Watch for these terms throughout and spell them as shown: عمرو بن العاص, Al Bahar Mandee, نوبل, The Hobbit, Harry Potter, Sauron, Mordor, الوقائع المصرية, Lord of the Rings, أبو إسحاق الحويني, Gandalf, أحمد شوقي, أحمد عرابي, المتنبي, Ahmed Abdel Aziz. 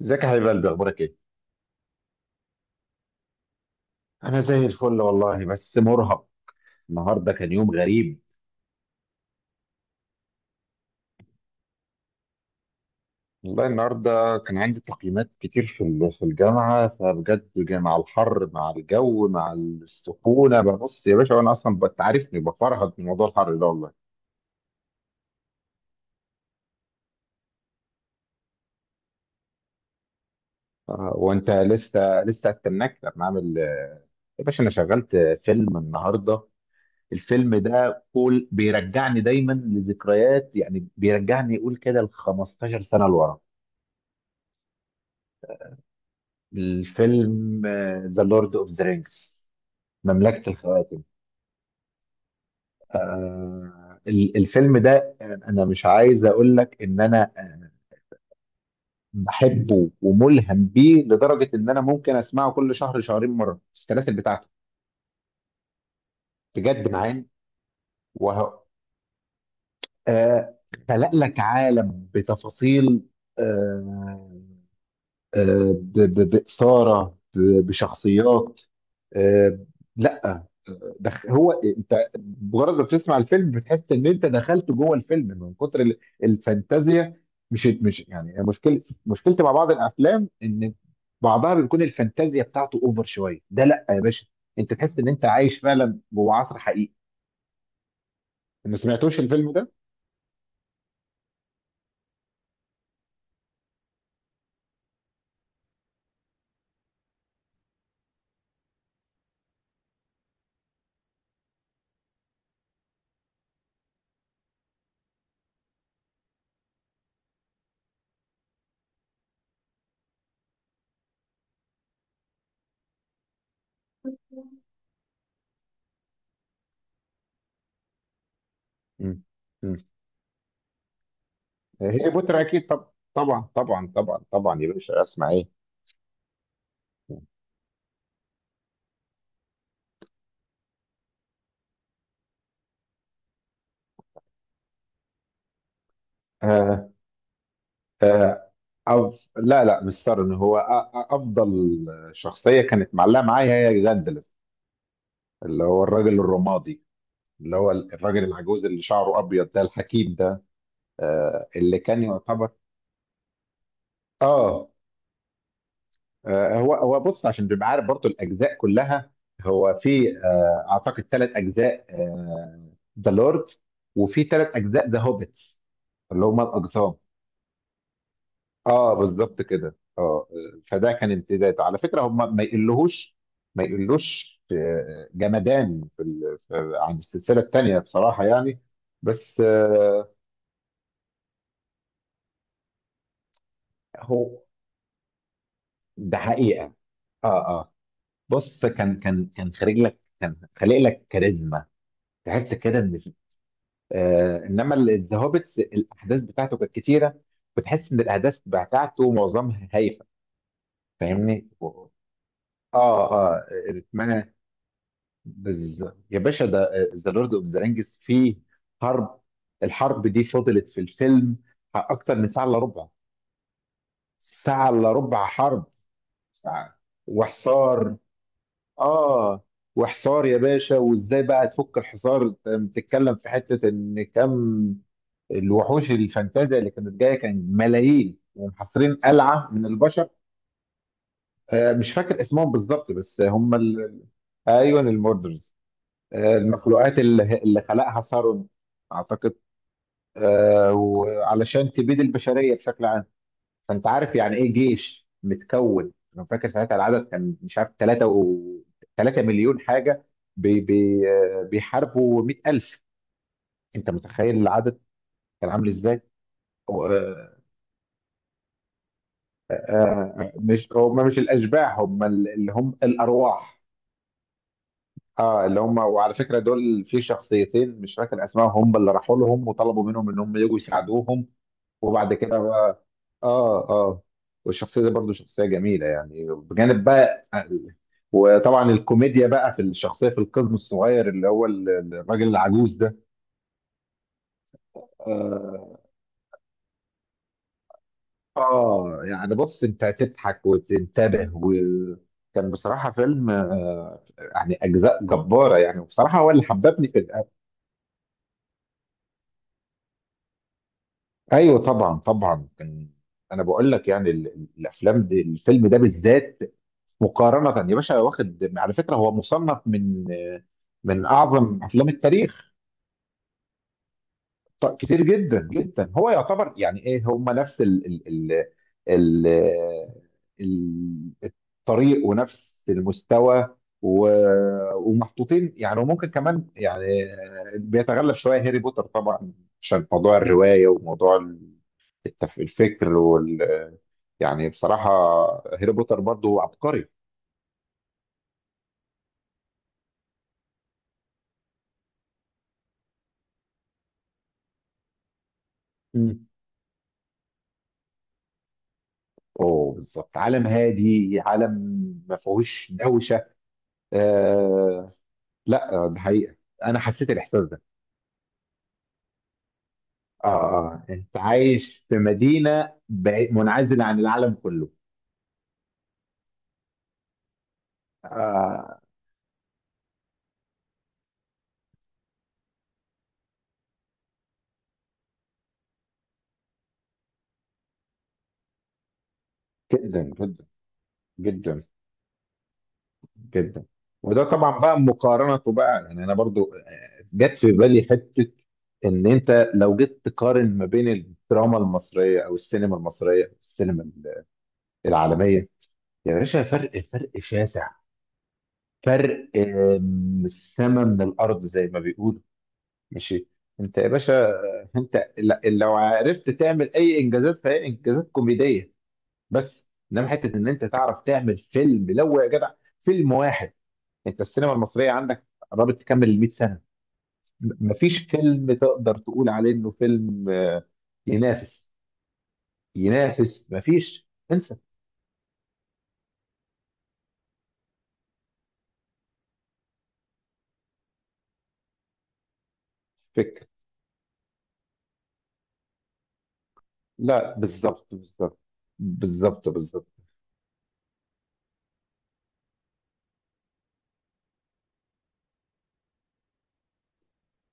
ازيك يا حبيب قلبي اخبارك ايه؟ انا زي الفل والله بس مرهق. النهارده كان يوم غريب. والله النهارده كان عندي تقييمات كتير في الجامعه، فبجد مع الحر مع الجو مع السخونه ببص يا باشا، وانا اصلا عارفني بفرهد من موضوع الحر ده والله. وانت لسه استناك لما اعمل يا باشا انا شغلت فيلم النهارده. الفيلم ده قول بيرجعني دايما لذكريات، يعني بيرجعني يقول كده ل 15 سنه لورا. الفيلم ذا لورد اوف ذا رينجز، مملكة الخواتم. الفيلم ده. انا مش عايز اقول لك ان انا بحبه وملهم بيه لدرجة ان انا ممكن اسمعه كل شهر شهرين مرة السلاسل بتاعته. بجد معايا. وه... آه خلق لك عالم بتفاصيل. آه آه، بإثارة بشخصيات. آه، لا هو انت مجرد ما بتسمع الفيلم بتحس ان انت دخلت جوه الفيلم من كتر الفانتازيا. مش يعني مشكلتي مع بعض الافلام ان بعضها بتكون الفانتازيا بتاعته اوفر شوية، ده لا يا باشا. انت تحس ان انت عايش فعلا جوه عصر حقيقي. ما سمعتوش الفيلم ده؟ مم. مم. هي بوتر اكيد، طب طبعا طبعا طبعا طبعا يا باشا، اسمع ايه. آه آه لا لا مش سارن، هو افضل شخصيه كانت معلقه معايا هي جاندلف، اللي هو الراجل الرمادي، اللي هو الراجل العجوز اللي شعره ابيض ده الحكيم ده. اللي كان يعتبر. اه. هو هو بص عشان تبقى عارف برضو الاجزاء كلها، هو في اعتقد ثلاث اجزاء ذا لورد، وفي ثلاث اجزاء ذا هوبيتس اللي هما الاقزام. اه بالظبط كده اه. فده كان امتداده على فكره، هم ما يقلوش جمدان عن السلسله الثانيه بصراحه يعني، بس هو ده حقيقه. اه اه. بص كان خارج لك كان خالق لك كاريزما، تحس كده ان في-. انما الزهوبتس الاحداث بتاعته كانت كتيره، بتحس ان الاحداث بتاعته معظمها هايفه، فاهمني؟ و-. اه اه رتمها. بز... يا باشا ده ذا لورد اوف ذا رينجز فيه حرب، الحرب دي فضلت في الفيلم اكتر من ساعه الا ربع، ساعه الا ربع حرب، ساعه. وحصار. اه. وحصار يا باشا، وازاي بقى تفك الحصار؟ أنت بتتكلم في حته ان كم الوحوش الفانتازيا اللي كانت جايه، كان ملايين ومحاصرين قلعه من البشر. مش فاكر اسمهم بالظبط بس هم ال... ايوه الموردرز. المخلوقات اللي خلقها ثرون اعتقد، وعلشان تبيد البشريه بشكل عام. فانت عارف يعني ايه جيش متكون، انا فاكر ساعتها العدد كان مش عارف 3 و 3 مليون حاجه، بي بي آه، بيحاربوا 100,000. انت متخيل العدد كان عامل ازاي؟ و- آه، مش هم، مش الاشباح، هم اللي هم الارواح. اه اللي هم، وعلى فكره دول في شخصيتين مش فاكر اسمائهم، هم اللي راحوا لهم وطلبوا منهم ان هم يجوا يساعدوهم. وبعد كده بقى اه اه، والشخصيه دي برضو شخصيه جميله يعني، بجانب بقى وطبعا الكوميديا بقى في الشخصيه، في القزم الصغير اللي هو الراجل العجوز ده. اه. يعني بص انت هتضحك وتنتبه، وكان بصراحه فيلم آه،، يعني اجزاء جباره يعني، وبصراحه هو اللي حببني في الأب. ايوه طبعا طبعا كان. انا بقول لك يعني الافلام دي الفيلم ده بالذات، مقارنة يا باشا، واخد على فكرة هو مصنف من أعظم أفلام التاريخ. كتير جدا جدا، هو يعتبر يعني إيه، هم نفس ال ال- الطريق ونفس المستوى، ومحطوطين يعني، وممكن كمان يعني بيتغلب شوية هاري بوتر طبعا، عشان موضوع الرواية وموضوع الفكر وال، يعني بصراحة هاري بوتر برضه عبقري. اوه بالظبط، عالم هادي، عالم ما فيهوش دوشه. آه لا ده حقيقه، انا حسيت الاحساس ده. اه اه، انت عايش في مدينه منعزله عن العالم كله. آه جدا جدا جدا جدا. وده طبعا بقى مقارنته بقى يعني، انا برضو جت في بالي حته ان انت لو جيت تقارن ما بين الدراما المصريه او السينما المصريه والسينما العالميه، يا باشا فرق، فرق شاسع، فرق السما من الارض زي ما بيقولوا. ماشي. انت يا باشا انت لو عرفت تعمل اي انجازات فهي انجازات كوميديه بس، انما حته ان انت تعرف تعمل فيلم، لو يا جدع فيلم واحد، انت السينما المصريه عندك قربت تكمل ال 100 سنه، مفيش فيلم تقدر تقول عليه انه فيلم ينافس ينافس مفيش، انسى. فكر. لا بالظبط بالظبط بالظبط بالظبط.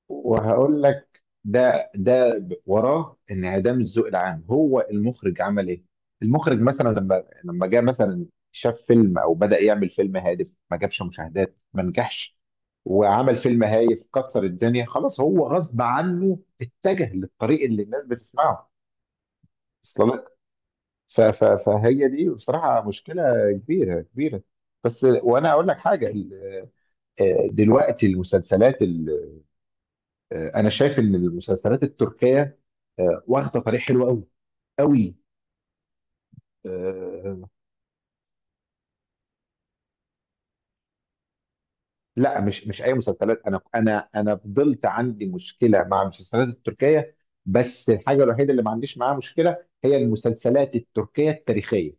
وهقول لك ده وراه انعدام الذوق العام، هو المخرج عمل ايه؟ المخرج مثلا، لما جه مثلا شاف فيلم او بدأ يعمل فيلم هادف، ما جابش مشاهدات ما نجحش، وعمل فيلم هايف كسر الدنيا، خلاص هو غصب عنه اتجه للطريق اللي الناس بتسمعه. اصل لك. فهي دي بصراحة مشكلة كبيرة كبيرة. بس وانا اقول لك حاجة، ال-. دلوقتي المسلسلات، انا شايف ان المسلسلات التركيه واخده طريق حلو قوي قوي. آه، لا مش اي مسلسلات، انا فضلت عندي مشكله مع المسلسلات التركيه، بس الحاجه الوحيده اللي ما عنديش معاها مشكله هي المسلسلات التركيه التاريخيه.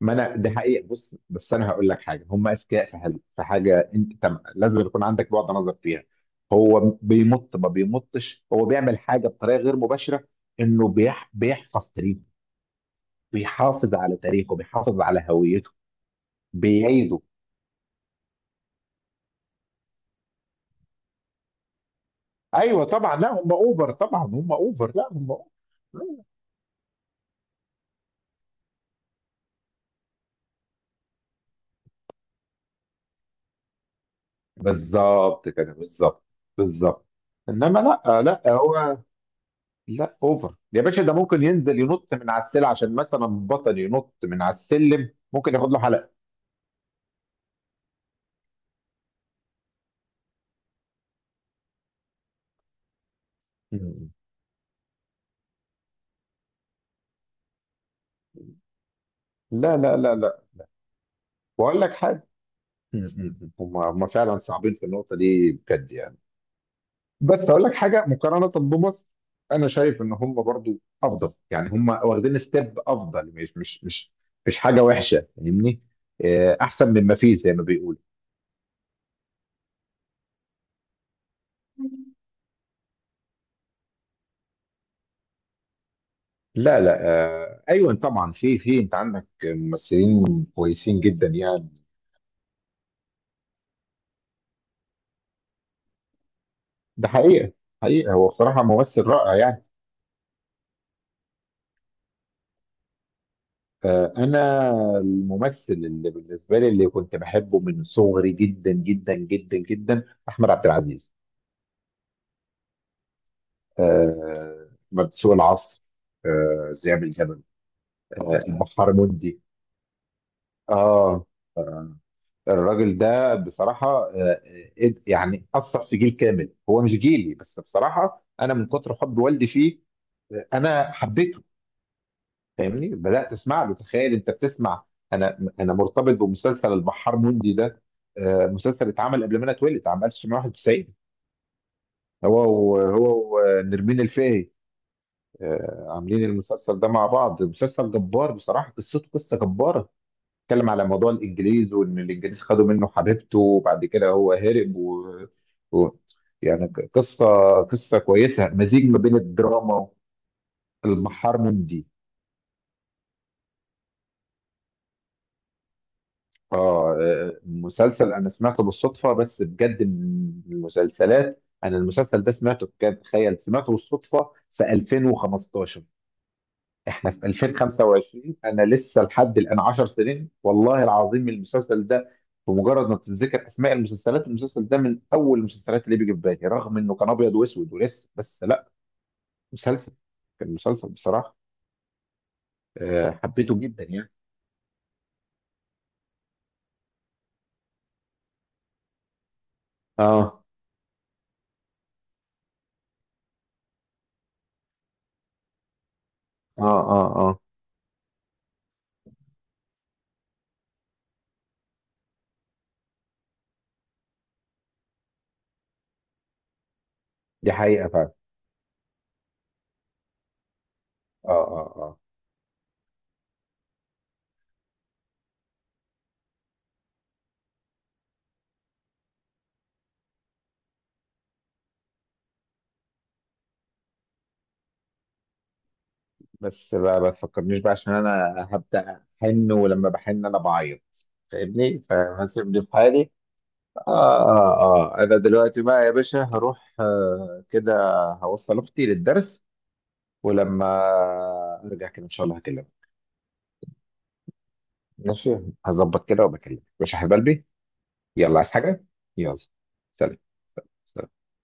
ما انا ده حقيقه، بص بس انا هقول لك حاجه، هم اذكياء في حاجه، في حاجه انت لازم يكون عندك بعد نظر فيها. هو بيمط ما بيمطش، هو بيعمل حاجه بطريقه غير مباشره، انه بيحفظ تاريخ، بيحافظ على تاريخه، بيحافظ على هويته، بيعيده. ايوه طبعا، لا هم اوفر طبعا، هم اوفر، لا هم أوفر. بالظبط كده بالظبط بالظبط. انما لا لا هو. لا اوفر يا باشا، ده ممكن ينزل ينط من على السلة، عشان مثلا بطل ينط من على السلم ممكن ياخد له حلقة. م-م. لا لا لا لا. واقول لك حاجة. م-م. هم فعلا صعبين في النقطة دي بجد يعني، بس هقول لك حاجه مقارنه بمصر، انا شايف ان هم برضو افضل يعني، هم واخدين ستيب افضل، مش حاجه وحشه فاهمني، احسن مما فيه زي ما بيقولوا. لا لا ايوه طبعا، في في انت عندك ممثلين كويسين جدا يعني. ده حقيقه. حقيقه هو بصراحه ممثل رائع يعني. انا الممثل اللي بالنسبه لي اللي كنت بحبه من صغري جدا جدا جدا جدا، احمد عبد العزيز. آه سوق العصر. ذئاب الجبل. البحار مندي. اه الراجل ده بصراحة آه، يعني أثر في جيل كامل، هو مش جيلي بس بصراحة أنا من كتر حب والدي فيه أنا حبيته. فاهمني بدأت أسمع له، تخيل أنت بتسمع، أنا مرتبط بمسلسل البحار مندي ده. مسلسل اتعمل قبل ما أنا اتولد عام 1991، هو هو ونرمين الفقي عاملين المسلسل ده مع بعض، مسلسل جبار بصراحة، قصته قصة جبارة. اتكلم على موضوع الإنجليز، وإن الإنجليز خدوا منه حبيبته، وبعد كده هو هرب و... و... يعني قصة، قصة كويسة، مزيج ما بين الدراما والمحار مندي. اه. مسلسل أنا سمعته بالصدفة، بس بجد من المسلسلات، أنا المسلسل ده سمعته بجد، تخيل سمعته بالصدفة في 2015، احنا في 2025، انا لسه لحد الان 10 سنين، والله العظيم المسلسل ده بمجرد ما بتتذكر اسماء المسلسلات، المسلسل ده من اول المسلسلات اللي بيجي في بالي، رغم انه كان ابيض واسود ولسه، بس لا، مسلسل، كان مسلسل بصراحه حبيته جدا يعني. اه اه اه اه. دي حقيقه فعلا. اه اه اه. بس بقى ما تفكرنيش بقى، عشان انا هبدا احن، ولما بحن انا بعيط، فاهمني، فسيبني في حالي. آه آه أنا دلوقتي بقى يا باشا هروح كده، هوصل أختي للدرس، ولما أرجع كده إن شاء الله هكلمك. ماشي. هظبط كده وبكلمك، مش حبيب قلبي؟ يلا عايز حاجة؟ يلا. سلام. سلام.